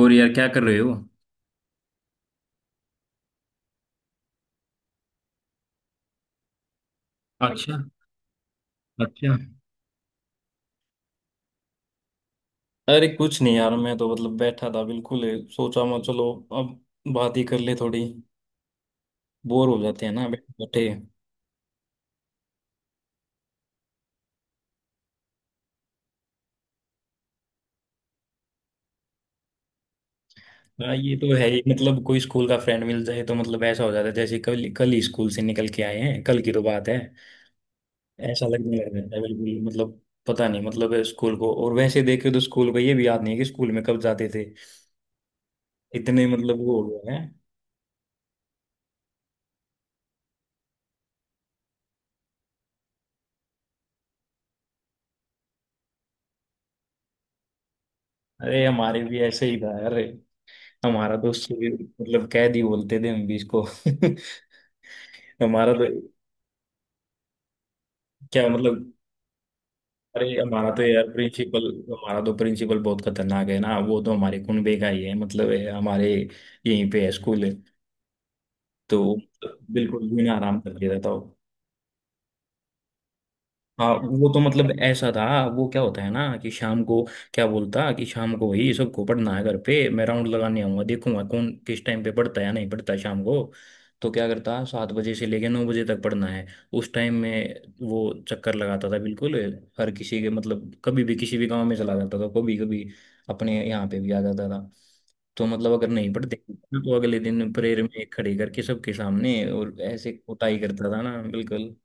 और यार क्या कर रहे हो। अच्छा। अच्छा। अरे कुछ नहीं यार, मैं तो मतलब बैठा था बिल्कुल। सोचा मैं, चलो अब बात ही कर ले थोड़ी। बोर हो जाते हैं ना बैठे बैठे। हाँ, ये तो है ही। मतलब कोई स्कूल का फ्रेंड मिल जाए तो मतलब ऐसा हो जाता है जैसे कल कल ही स्कूल से निकल के आए हैं, कल की तो बात है। ऐसा लगने लग जाता है बिल्कुल मतलब। पता नहीं मतलब स्कूल को, और वैसे देखे तो स्कूल को ये भी याद नहीं है कि स्कूल में कब जाते थे। इतने मतलब वो हो गए हैं। अरे, हमारे भी ऐसे ही था यार। हमारा तो उससे भी मतलब कैद ही बोलते थे हम भी इसको। हमारा तो। क्या मतलब? अरे, हमारा तो यार प्रिंसिपल, हमारा तो प्रिंसिपल बहुत खतरनाक है ना। वो तो हमारे कुनबे का ही है, मतलब है, हमारे यहीं पे है, स्कूल है। तो बिल्कुल भी ना आराम करके रहता हो। हाँ, वो तो मतलब ऐसा था। वो क्या होता है ना कि शाम को, क्या बोलता कि शाम को ही सबको पढ़ना है घर पे, मैं राउंड लगाने आऊंगा, देखूंगा कौन किस टाइम पे पढ़ता है या नहीं पढ़ता है शाम को। तो क्या करता, 7 बजे से लेके 9 बजे तक पढ़ना है। उस टाइम में वो चक्कर लगाता था बिल्कुल, हर किसी के। मतलब कभी भी किसी भी गांव में चला जाता था कभी कभी, अपने यहाँ पे भी आ जाता था। तो मतलब अगर नहीं पढ़ते तो अगले दिन प्रेयर में खड़े करके सबके सामने, और ऐसे कुटाई करता था ना बिल्कुल।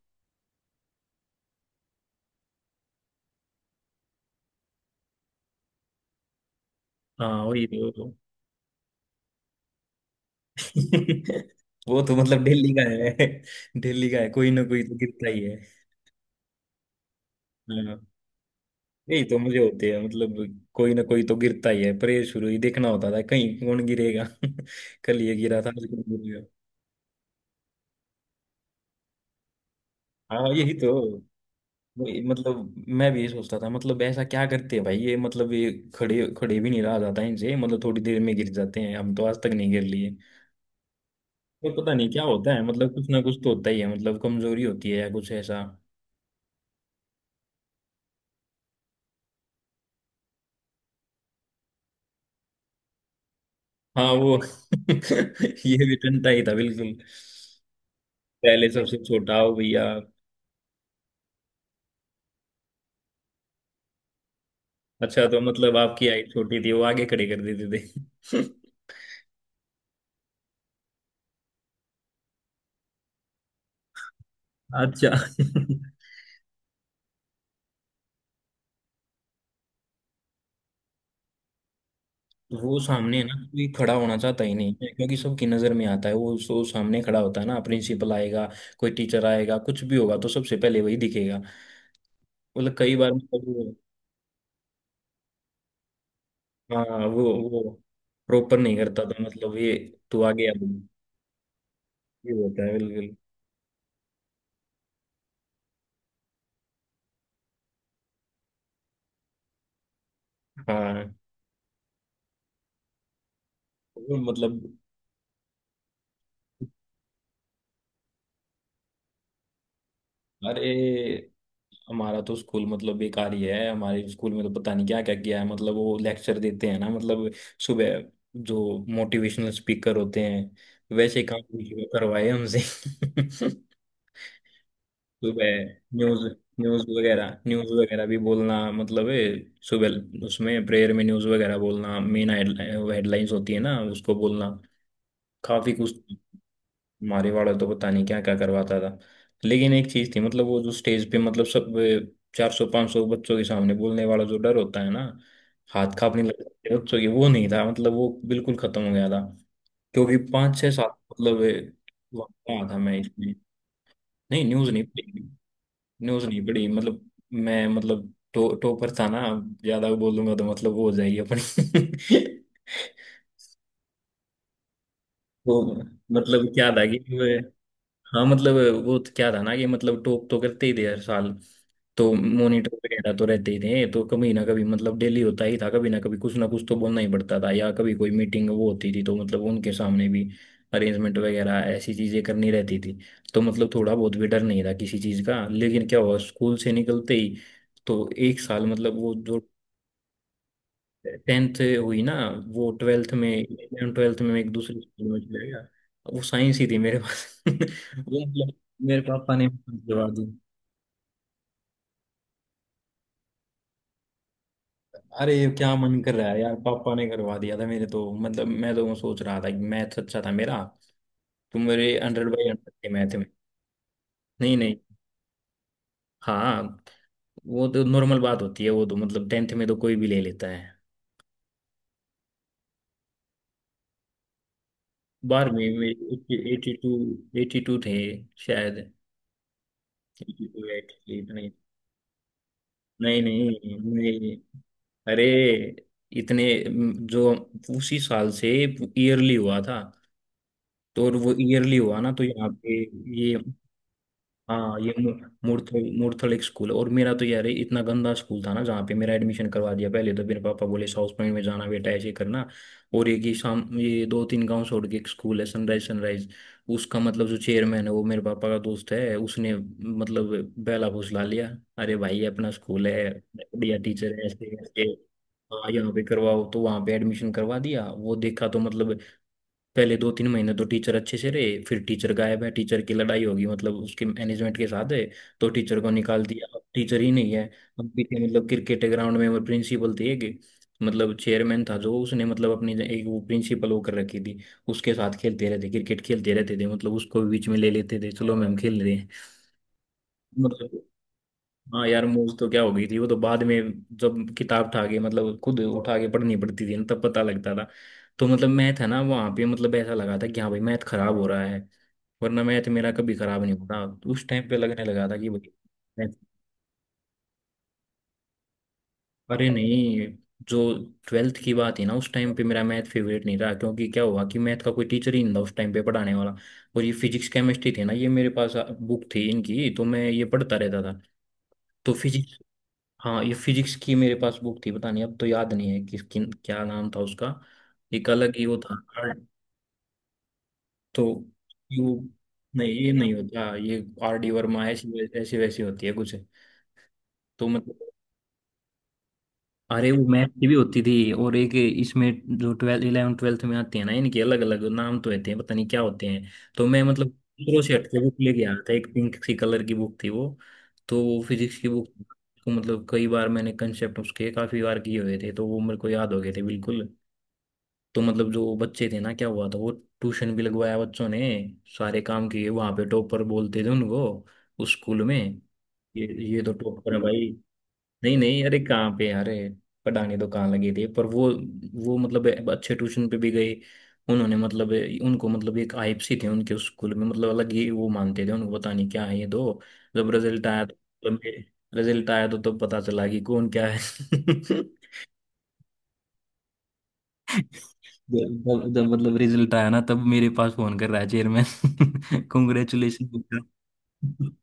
हाँ वही तो। वो तो मतलब दिल्ली का है, दिल्ली का है, कोई ना कोई तो गिरता ही है। हाँ यही तो मजे होते हैं मतलब। कोई ना कोई तो गिरता ही है, परे शुरू ही देखना होता था कहीं कौन गिरेगा। कल ये गिरा था, आज कौन गिरेगा। हाँ यही तो। वही, मतलब मैं भी ये सोचता था, मतलब ऐसा क्या करते हैं भाई ये, मतलब ये खड़े खड़े भी नहीं रहा जाता इनसे, मतलब थोड़ी देर में गिर जाते हैं, हम तो आज तक नहीं गिर लिए। ये पता नहीं क्या होता है, मतलब कुछ ना कुछ तो होता ही है, मतलब कमजोरी होती है या कुछ ऐसा। हाँ वो। ये भी टंटा ही था बिल्कुल। पहले सबसे छोटा हो भैया। अच्छा, तो मतलब आपकी हाइट छोटी थी, वो आगे खड़े कर देते थे। अच्छा। वो सामने ना कोई खड़ा होना चाहता ही नहीं है, क्योंकि सबकी नजर में आता है वो। सो सामने खड़ा होता है ना, प्रिंसिपल आएगा, कोई टीचर आएगा, कुछ भी होगा तो सबसे पहले वही दिखेगा। मतलब कई बार मतलब वो। हाँ वो। वो प्रॉपर नहीं करता था मतलब ये, तू आगे आ, ये होता है बिल्कुल। हाँ वो मतलब। अरे, हमारा तो स्कूल मतलब बेकार ही है। हमारे स्कूल में तो पता नहीं क्या क्या किया है। मतलब वो लेक्चर देते हैं ना मतलब, सुबह, जो मोटिवेशनल स्पीकर होते हैं, वैसे काम भी करवाए हमसे। सुबह न्यूज, न्यूज वगैरह भी बोलना, मतलब सुबह उसमें प्रेयर में न्यूज वगैरह बोलना, मेन हेडलाइंस होती है ना, उसको बोलना, काफी कुछ। मारी वाला तो पता नहीं क्या क्या करवाता था। लेकिन एक चीज थी, मतलब वो जो स्टेज पे, मतलब सब चार सौ पांच सौ बच्चों के सामने बोलने वाला जो डर होता है ना, हाथ कांपने लगते हैं बच्चों के, वो नहीं था, मतलब वो बिल्कुल खत्म हो गया था। क्योंकि 5-6 साल मतलब वहाँ था मैं इसमें। नहीं, न्यूज नहीं पढ़ी। न्यूज नहीं पढ़ी, मतलब मैं मतलब टॉपर था ना, ज्यादा बोलूंगा तो मतलब वो हो जाएगी अपनी। तो मतलब क्या था कि, हाँ मतलब, वो तो क्या था ना कि मतलब टॉप तो करते ही थे हर साल। तो मॉनिटर वगैरह तो रहते ही थे, तो कभी ना कभी मतलब डेली होता ही था, कभी ना कभी कुछ ना कुछ तो बोलना ही पड़ता था। या कभी कोई मीटिंग वो होती थी तो मतलब उनके सामने भी अरेंजमेंट वगैरह ऐसी चीजें करनी रहती थी। तो मतलब थोड़ा बहुत भी डर नहीं था किसी चीज का। लेकिन क्या हुआ स्कूल से निकलते ही, तो एक साल मतलब, वो जो टेंथ हुई ना, वो ट्वेल्थ में, इलेवन ट्वेल्थ में एक दूसरी स्कूल में चले गया। वो साइंस ही थी मेरे पास। वो मतलब मेरे पापा ने करवा दी। अरे ये क्या मन कर रहा है यार, पापा ने करवा दिया था मेरे तो। मतलब मैं तो सोच रहा था कि मैथ्स अच्छा था मेरा, तो मेरे 100/100 थे मैथ में। नहीं नहीं। हाँ, वो तो नॉर्मल बात होती है, वो तो मतलब टेंथ में तो कोई भी ले लेता है। बारहवीं में 82, 82 थे शायद, 82 एटी थ्री। नहीं नहीं नहीं, अरे, इतने जो उसी साल से ईयरली हुआ था, तो, और वो ईयरली हुआ ना तो यहाँ पे, ये, हाँ ये। मूर्थो मूर्थल स्कूल। और मेरा तो यार इतना गंदा स्कूल था ना, जहाँ पे मेरा एडमिशन करवा दिया। पहले तो मेरे पापा बोले साउथ पॉइंट में जाना बेटा, ऐसे करना। और एक ही शाम ये 2-3 गांव छोड़ के एक स्कूल है, सनराइज, सनराइज। उसका मतलब जो चेयरमैन है वो मेरे पापा का दोस्त है, उसने मतलब बेला फुसला लिया। अरे भाई ये अपना स्कूल है, बढ़िया टीचर है, ऐसे ऐसे, हाँ यहाँ पे करवाओ, तो वहाँ पे एडमिशन करवा दिया। वो देखा तो मतलब, पहले 2-3 महीने तो टीचर अच्छे से रहे, फिर टीचर गायब है, टीचर की लड़ाई होगी मतलब उसके मैनेजमेंट के साथ है। तो टीचर को निकाल दिया, अब टीचर ही नहीं है। अब पीछे मतलब क्रिकेट के ग्राउंड में, वो प्रिंसिपल थे एक, मतलब चेयरमैन था जो, उसने मतलब अपनी एक वो प्रिंसिपल वो कर रखी थी, उसके साथ खेलते रहते, क्रिकेट खेलते रहते थे। मतलब उसको भी बीच में ले लेते थे, चलो मैम खेल रहे हैं। मतलब, हाँ यार मूव तो क्या हो गई थी, वो तो बाद में जब किताब उठा के मतलब खुद उठा के पढ़नी पड़ती थी ना, तब पता लगता था। तो मतलब मैथ है ना, वहाँ पे मतलब ऐसा लगा था कि हाँ भाई मैथ खराब हो रहा है, वरना मैथ मेरा कभी खराब नहीं होता। तो उस टाइम पे लगने लगा था कि भाई मैथ। अरे नहीं, जो ट्वेल्थ की बात है ना, उस टाइम पे मेरा मैथ फेवरेट नहीं रहा, क्योंकि क्या हुआ कि मैथ का कोई टीचर ही नहीं था उस टाइम पे पढ़ाने वाला। और ये फिजिक्स केमिस्ट्री थे ना, ये मेरे पास बुक थी इनकी, तो मैं ये पढ़ता रहता था। तो फिजिक्स, हाँ, ये फिजिक्स की मेरे पास बुक थी, पता नहीं अब तो याद नहीं है किस किन क्या नाम था उसका। एक अलग ही वो था। आर, तो यू, नहीं ये नहीं होता, ये आर डी वर्मा ऐसी ऐसी वैसी होती है कुछ। तो मतलब, अरे वो मैथ की भी होती थी, और एक इसमें जो ट्वेल्थ, इलेवन ट्वेल्थ में आते हैं ना, इनके अलग अलग नाम तो होते हैं, पता नहीं क्या होते हैं। तो मैं मतलब दूसरों से हटके बुक लेके आया था, एक पिंक सी कलर की बुक थी वो, तो वो फिजिक्स की बुक को मतलब कई बार मैंने कंसेप्ट उसके काफी बार किए हुए थे, तो वो मेरे को याद हो गए थे बिल्कुल। तो मतलब जो बच्चे थे ना, क्या हुआ था वो, ट्यूशन भी लगवाया बच्चों ने, सारे काम किए, वहां पे टॉपर बोलते थे उनको, उस स्कूल में ये ये तो टॉपर है भाई। नहीं नहीं, अरे कहाँ पे, अरे पढ़ाने तो कहाँ लगे थे, पर वो मतलब अच्छे ट्यूशन पे भी गई उन्होंने, मतलब उनको मतलब एक आइप सी थे उनके उस स्कूल में, मतलब अलग ही वो मानते थे उनको, पता नहीं क्या है ये दो। जब रिजल्ट आया तो रिजल्ट आया तो तब पता चला कि कौन क्या है। जब जब- जब मतलब रिजल्ट आया ना, तब मेरे पास फोन कर रहा है चेयरमैन, कॉन्ग्रेचुलेशन।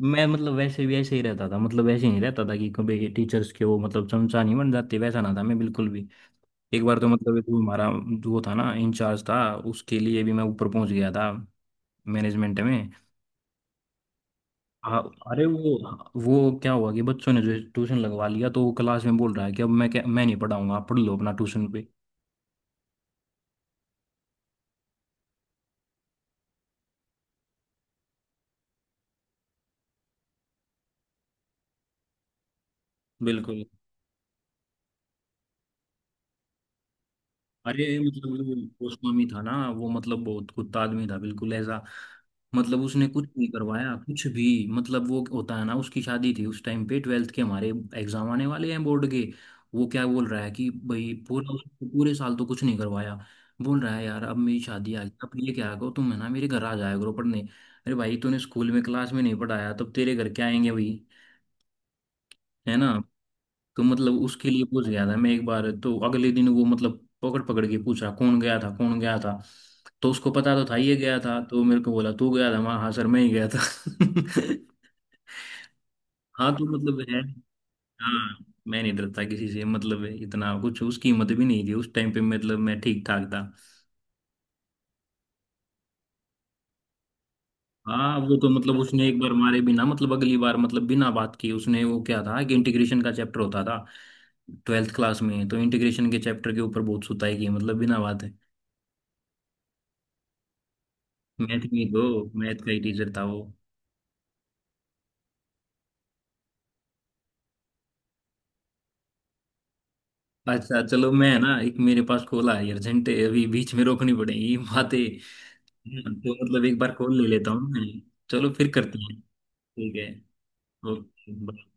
मैं मतलब वैसे भी ऐसे ही रहता था, मतलब ऐसे नहीं रहता था कि कभी टीचर्स के वो, मतलब चमचा नहीं बन जाते वैसा, ना था मैं बिल्कुल भी। एक बार तो मतलब ये जो हमारा वो था ना, इंचार्ज था, उसके लिए भी मैं ऊपर पहुंच गया था, मैनेजमेंट में। अरे वो क्या हुआ कि बच्चों ने जो ट्यूशन लगवा लिया, तो वो क्लास में बोल रहा है कि अब मैं क्या, मैं नहीं पढ़ाऊंगा, आप पढ़ लो अपना ट्यूशन पे। बिल्कुल, अरे मतलब वो गोस्वामी था ना, वो मतलब बहुत कुत्ता आदमी था बिल्कुल ऐसा। मतलब उसने कुछ नहीं करवाया कुछ भी। मतलब वो होता है ना, उसकी शादी थी उस टाइम पे, ट्वेल्थ के हमारे एग्जाम आने वाले हैं बोर्ड के। वो क्या बोल रहा है कि भाई, पूरा उसको पूरे साल तो कुछ नहीं करवाया, बोल रहा है यार अब मेरी शादी आ गई, अब ये क्या करो तुम है ना, मेरे घर आ जाया करो पढ़ने। अरे भाई तूने स्कूल में, क्लास में नहीं पढ़ाया, तब तेरे घर क्या आएंगे भाई, है ना। तो मतलब उसके लिए पूछ गया था मैं एक बार, तो अगले दिन वो मतलब पकड़ पकड़ के पूछा, कौन गया था, कौन गया था, तो उसको पता तो था ये गया था, तो मेरे को बोला तू गया था, मैं हाँ सर मैं ही गया था। हाँ, तो मतलब है। हाँ, मैं नहीं डरता किसी से, मतलब इतना कुछ उसकी हिम्मत भी नहीं थी उस टाइम पे, मतलब मैं ठीक ठाक था। हाँ वो तो मतलब उसने एक बार मारे बिना, मतलब अगली बार मतलब बिना बात किए उसने, वो क्या था कि इंटीग्रेशन का चैप्टर होता था ट्वेल्थ क्लास में, तो इंटीग्रेशन के चैप्टर के ऊपर बहुत सुताई की मतलब बिना बात। मैथ में दो, मैथ का ही टीचर था वो। अच्छा, चलो, मैं है ना एक मेरे पास खोला है अर्जेंट, अभी बीच में रोकनी पड़ेगी ये बातें। तो मतलब एक बार खोल ले लेता हूँ मैं, चलो फिर करते हैं। ठीक है। ओके।